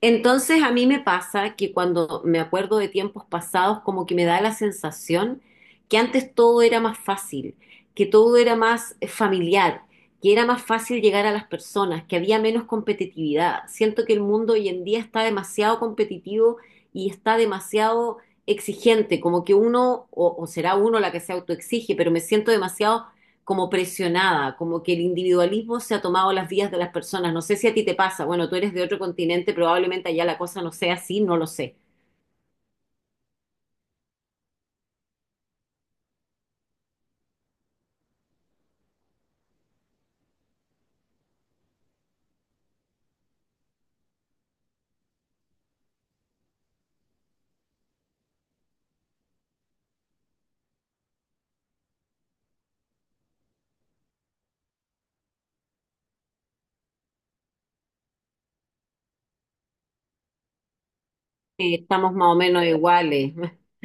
Entonces a mí me pasa que cuando me acuerdo de tiempos pasados, como que me da la sensación que antes todo era más fácil, que todo era más familiar, que era más fácil llegar a las personas, que había menos competitividad. Siento que el mundo hoy en día está demasiado competitivo y está demasiado exigente, como que uno, o será uno la que se autoexige, pero me siento demasiado como presionada, como que el individualismo se ha tomado las vías de las personas. No sé si a ti te pasa, bueno, tú eres de otro continente, probablemente allá la cosa no sea así, no lo sé. Estamos más o menos iguales,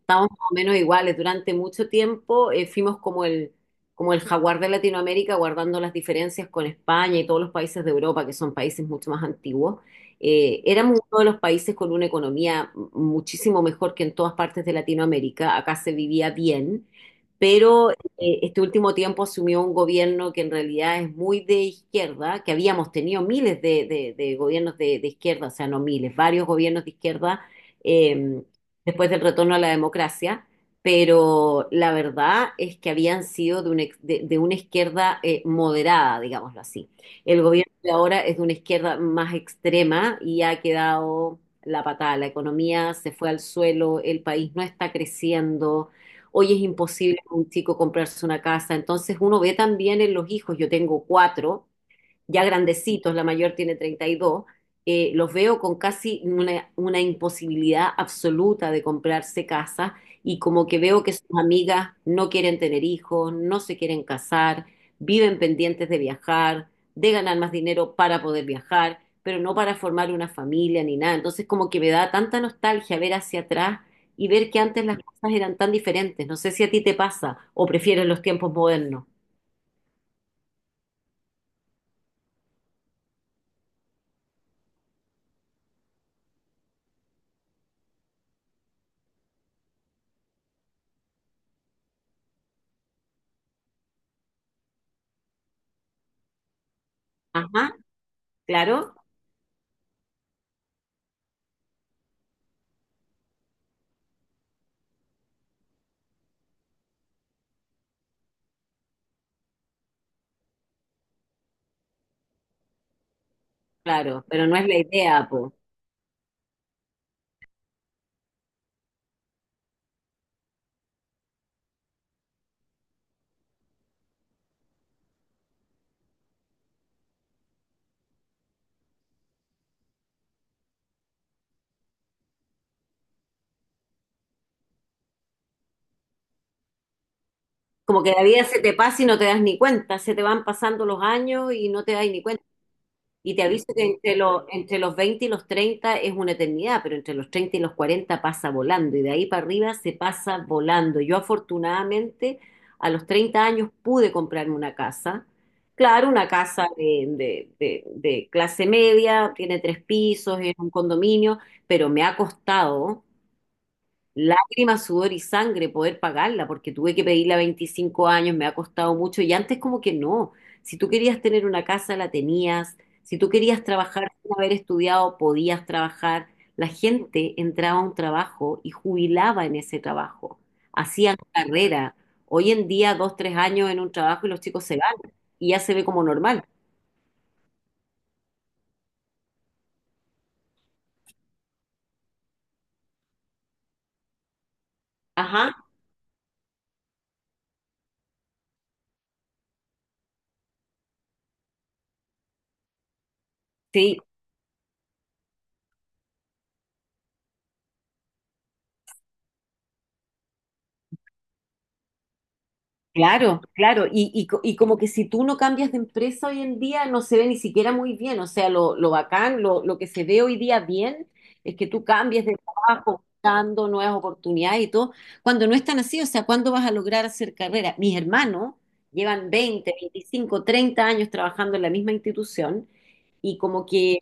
estamos más o menos iguales. Durante mucho tiempo fuimos como el jaguar de Latinoamérica, guardando las diferencias con España y todos los países de Europa, que son países mucho más antiguos. Éramos uno de los países con una economía muchísimo mejor que en todas partes de Latinoamérica. Acá se vivía bien, pero este último tiempo asumió un gobierno que en realidad es muy de izquierda, que habíamos tenido miles de gobiernos de izquierda, o sea, no miles, varios gobiernos de izquierda eh, después del retorno a la democracia, pero la verdad es que habían sido de una, de una izquierda moderada, digámoslo así. El gobierno de ahora es de una izquierda más extrema y ha quedado la patada. La economía se fue al suelo, el país no está creciendo, hoy es imposible para un chico comprarse una casa. Entonces uno ve también en los hijos, yo tengo cuatro, ya grandecitos, la mayor tiene 32, los veo con casi una imposibilidad absoluta de comprarse casa y como que veo que sus amigas no quieren tener hijos, no se quieren casar, viven pendientes de viajar, de ganar más dinero para poder viajar, pero no para formar una familia ni nada. Entonces como que me da tanta nostalgia ver hacia atrás y ver que antes las cosas eran tan diferentes. No sé si a ti te pasa o prefieres los tiempos modernos. Ajá, claro. Claro, pero no es la idea, po. Como que la vida se te pasa y no te das ni cuenta, se te van pasando los años y no te das ni cuenta. Y te aviso que entre los 20 y los treinta es una eternidad, pero entre los 30 y los 40 pasa volando y de ahí para arriba se pasa volando. Yo afortunadamente a los 30 años pude comprarme una casa. Claro, una casa de clase media, tiene tres pisos, es un condominio, pero me ha costado lágrimas, sudor y sangre poder pagarla, porque tuve que pedirla a 25 años, me ha costado mucho y antes como que no. Si tú querías tener una casa, la tenías. Si tú querías trabajar sin haber estudiado, podías trabajar. La gente entraba a un trabajo y jubilaba en ese trabajo. Hacían carrera. Hoy en día, 2, 3 años en un trabajo y los chicos se van y ya se ve como normal. Ajá, sí, claro, claro, y como que si tú no cambias de empresa hoy en día no se ve ni siquiera muy bien, o sea, lo bacán, lo que se ve hoy día bien es que tú cambies de trabajo, buscando nuevas oportunidades y todo, cuando no es tan así, o sea, ¿cuándo vas a lograr hacer carrera? Mis hermanos llevan 20, 25, 30 años trabajando en la misma institución y como que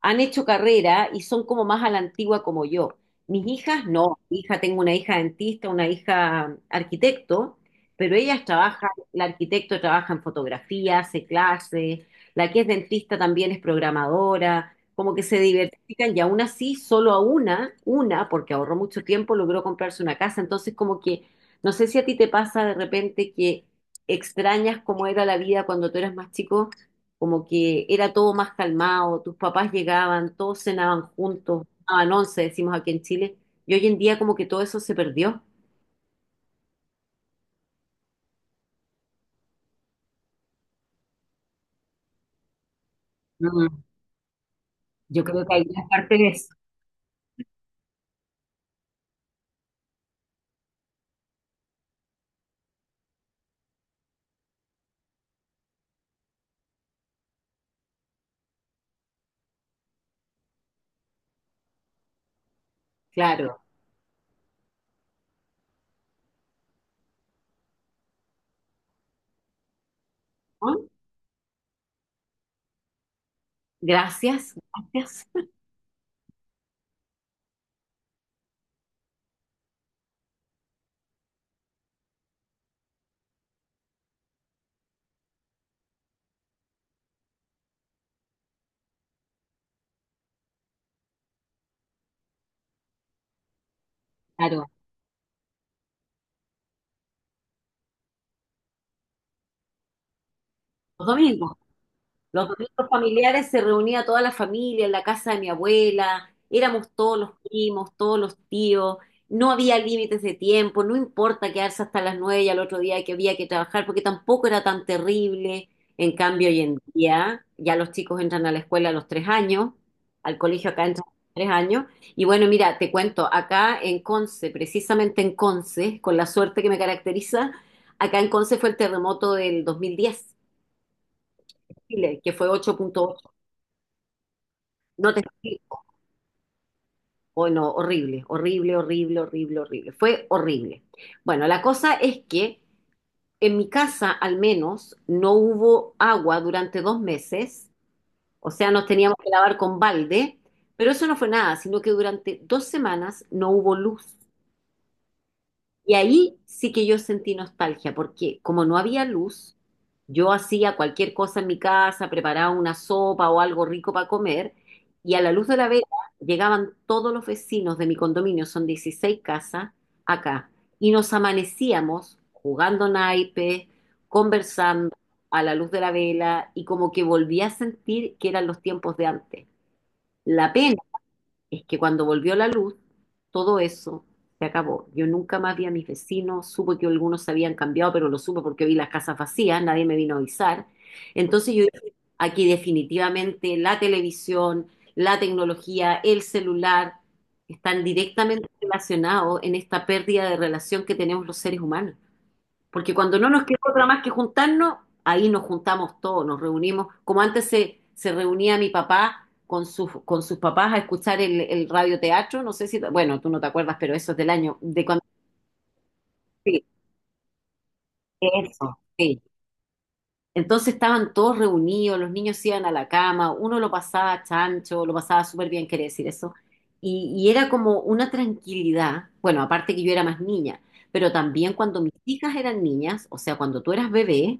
han hecho carrera y son como más a la antigua como yo. Mis hijas no. Mi hija, tengo una hija dentista, una hija arquitecto, pero ellas trabajan, la arquitecto trabaja en fotografía, hace clases, la que es dentista también es programadora, como que se diversifican y aún así solo a una, porque ahorró mucho tiempo, logró comprarse una casa, entonces como que no sé si a ti te pasa de repente que extrañas cómo era la vida cuando tú eras más chico, como que era todo más calmado, tus papás llegaban, todos cenaban juntos, tomaban once, decimos aquí en Chile, y hoy en día como que todo eso se perdió. Mm, yo creo que hay gran parte de eso. Claro, ¿no? Gracias, gracias. Claro. Los domingos. Los domingos familiares se reunía toda la familia en la casa de mi abuela, éramos todos los primos, todos los tíos, no había límites de tiempo, no importa quedarse hasta las 9 y al otro día que había que trabajar, porque tampoco era tan terrible. En cambio, hoy en día ya los chicos entran a la escuela a los 3 años, al colegio acá entran a los 3 años. Y bueno, mira, te cuento, acá en Conce, precisamente en Conce, con la suerte que me caracteriza, acá en Conce fue el terremoto del 2010, Chile, que fue 8.8. No te explico. Oh, no, horrible, horrible, horrible, horrible, horrible. Fue horrible. Bueno, la cosa es que en mi casa al menos no hubo agua durante 2 meses, o sea, nos teníamos que lavar con balde, pero eso no fue nada, sino que durante 2 semanas no hubo luz. Y ahí sí que yo sentí nostalgia, porque como no había luz, yo hacía cualquier cosa en mi casa, preparaba una sopa o algo rico para comer, y a la luz de la vela llegaban todos los vecinos de mi condominio, son 16 casas, acá, y nos amanecíamos jugando naipes, conversando a la luz de la vela, y como que volví a sentir que eran los tiempos de antes. La pena es que cuando volvió la luz, todo eso se acabó. Yo nunca más vi a mis vecinos, supe que algunos se habían cambiado, pero lo supe porque vi las casas vacías, nadie me vino a avisar. Entonces yo dije, aquí definitivamente la televisión, la tecnología, el celular están directamente relacionados en esta pérdida de relación que tenemos los seres humanos. Porque cuando no nos queda otra más que juntarnos, ahí nos juntamos todos, nos reunimos. Como antes se reunía mi papá con sus papás a escuchar el radioteatro, no sé si, bueno, tú no te acuerdas, pero eso es del año, de cuando... Sí, eso, sí. Entonces estaban todos reunidos, los niños se iban a la cama, uno lo pasaba chancho, lo pasaba súper bien, quería decir eso. Y era como una tranquilidad, bueno, aparte que yo era más niña, pero también cuando mis hijas eran niñas, o sea, cuando tú eras bebé,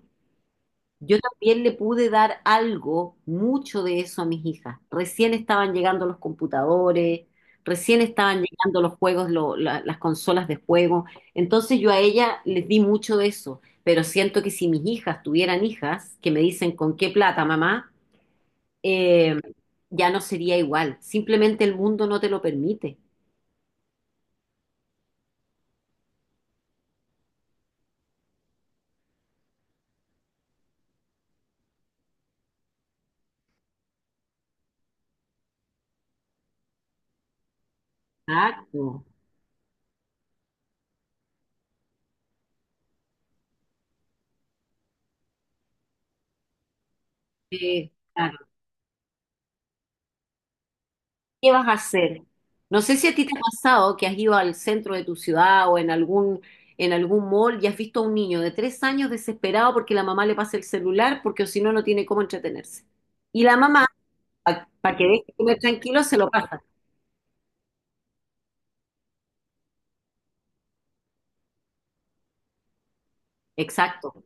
yo también le pude dar algo, mucho de eso a mis hijas. Recién estaban llegando los computadores, recién estaban llegando los juegos, las consolas de juego. Entonces yo a ella les di mucho de eso, pero siento que si mis hijas tuvieran hijas que me dicen con qué plata, mamá, eh, ya no sería igual. Simplemente el mundo no te lo permite. Exacto. Sí, claro. ¿Qué vas a hacer? No sé si a ti te ha pasado que has ido al centro de tu ciudad en algún mall y has visto a un niño de 3 años desesperado porque la mamá le pasa el celular porque si no, no tiene cómo entretenerse. Y la mamá, para que deje de comer tranquilo, se lo pasa. Exacto.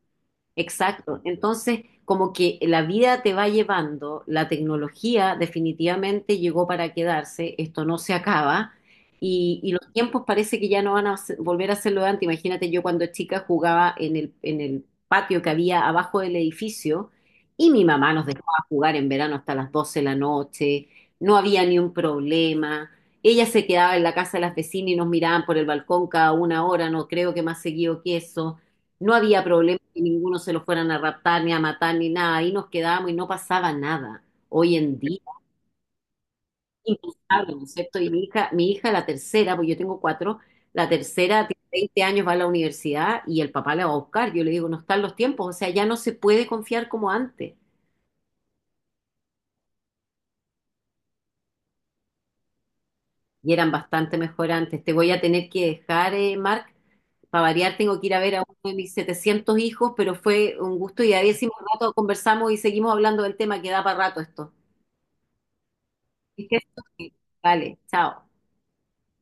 Exacto. Entonces, como que la vida te va llevando, la tecnología definitivamente llegó para quedarse, esto no se acaba y los tiempos parece que ya no van a volver a ser lo de antes. Imagínate, yo cuando chica jugaba en el patio que había abajo del edificio y mi mamá nos dejaba jugar en verano hasta las 12 de la noche, no había ni un problema. Ella se quedaba en la casa de las vecinas y nos miraban por el balcón cada una hora, no creo que más seguido que eso. No había problema que ninguno se lo fueran a raptar, ni a matar, ni nada. Ahí nos quedábamos y no pasaba nada. Hoy en día, impensable, ¿no es cierto? Y mi hija, la tercera, pues yo tengo cuatro, la tercera tiene 20 años, va a la universidad y el papá la va a buscar. Yo le digo, no están los tiempos, o sea, ya no se puede confiar como antes. Y eran bastante mejor antes. Te voy a tener que dejar, Marc. Para variar, tengo que ir a ver a uno de mis 700 hijos, pero fue un gusto y a ver si más rato conversamos y seguimos hablando del tema que da para rato esto. Es que- Vale, chao.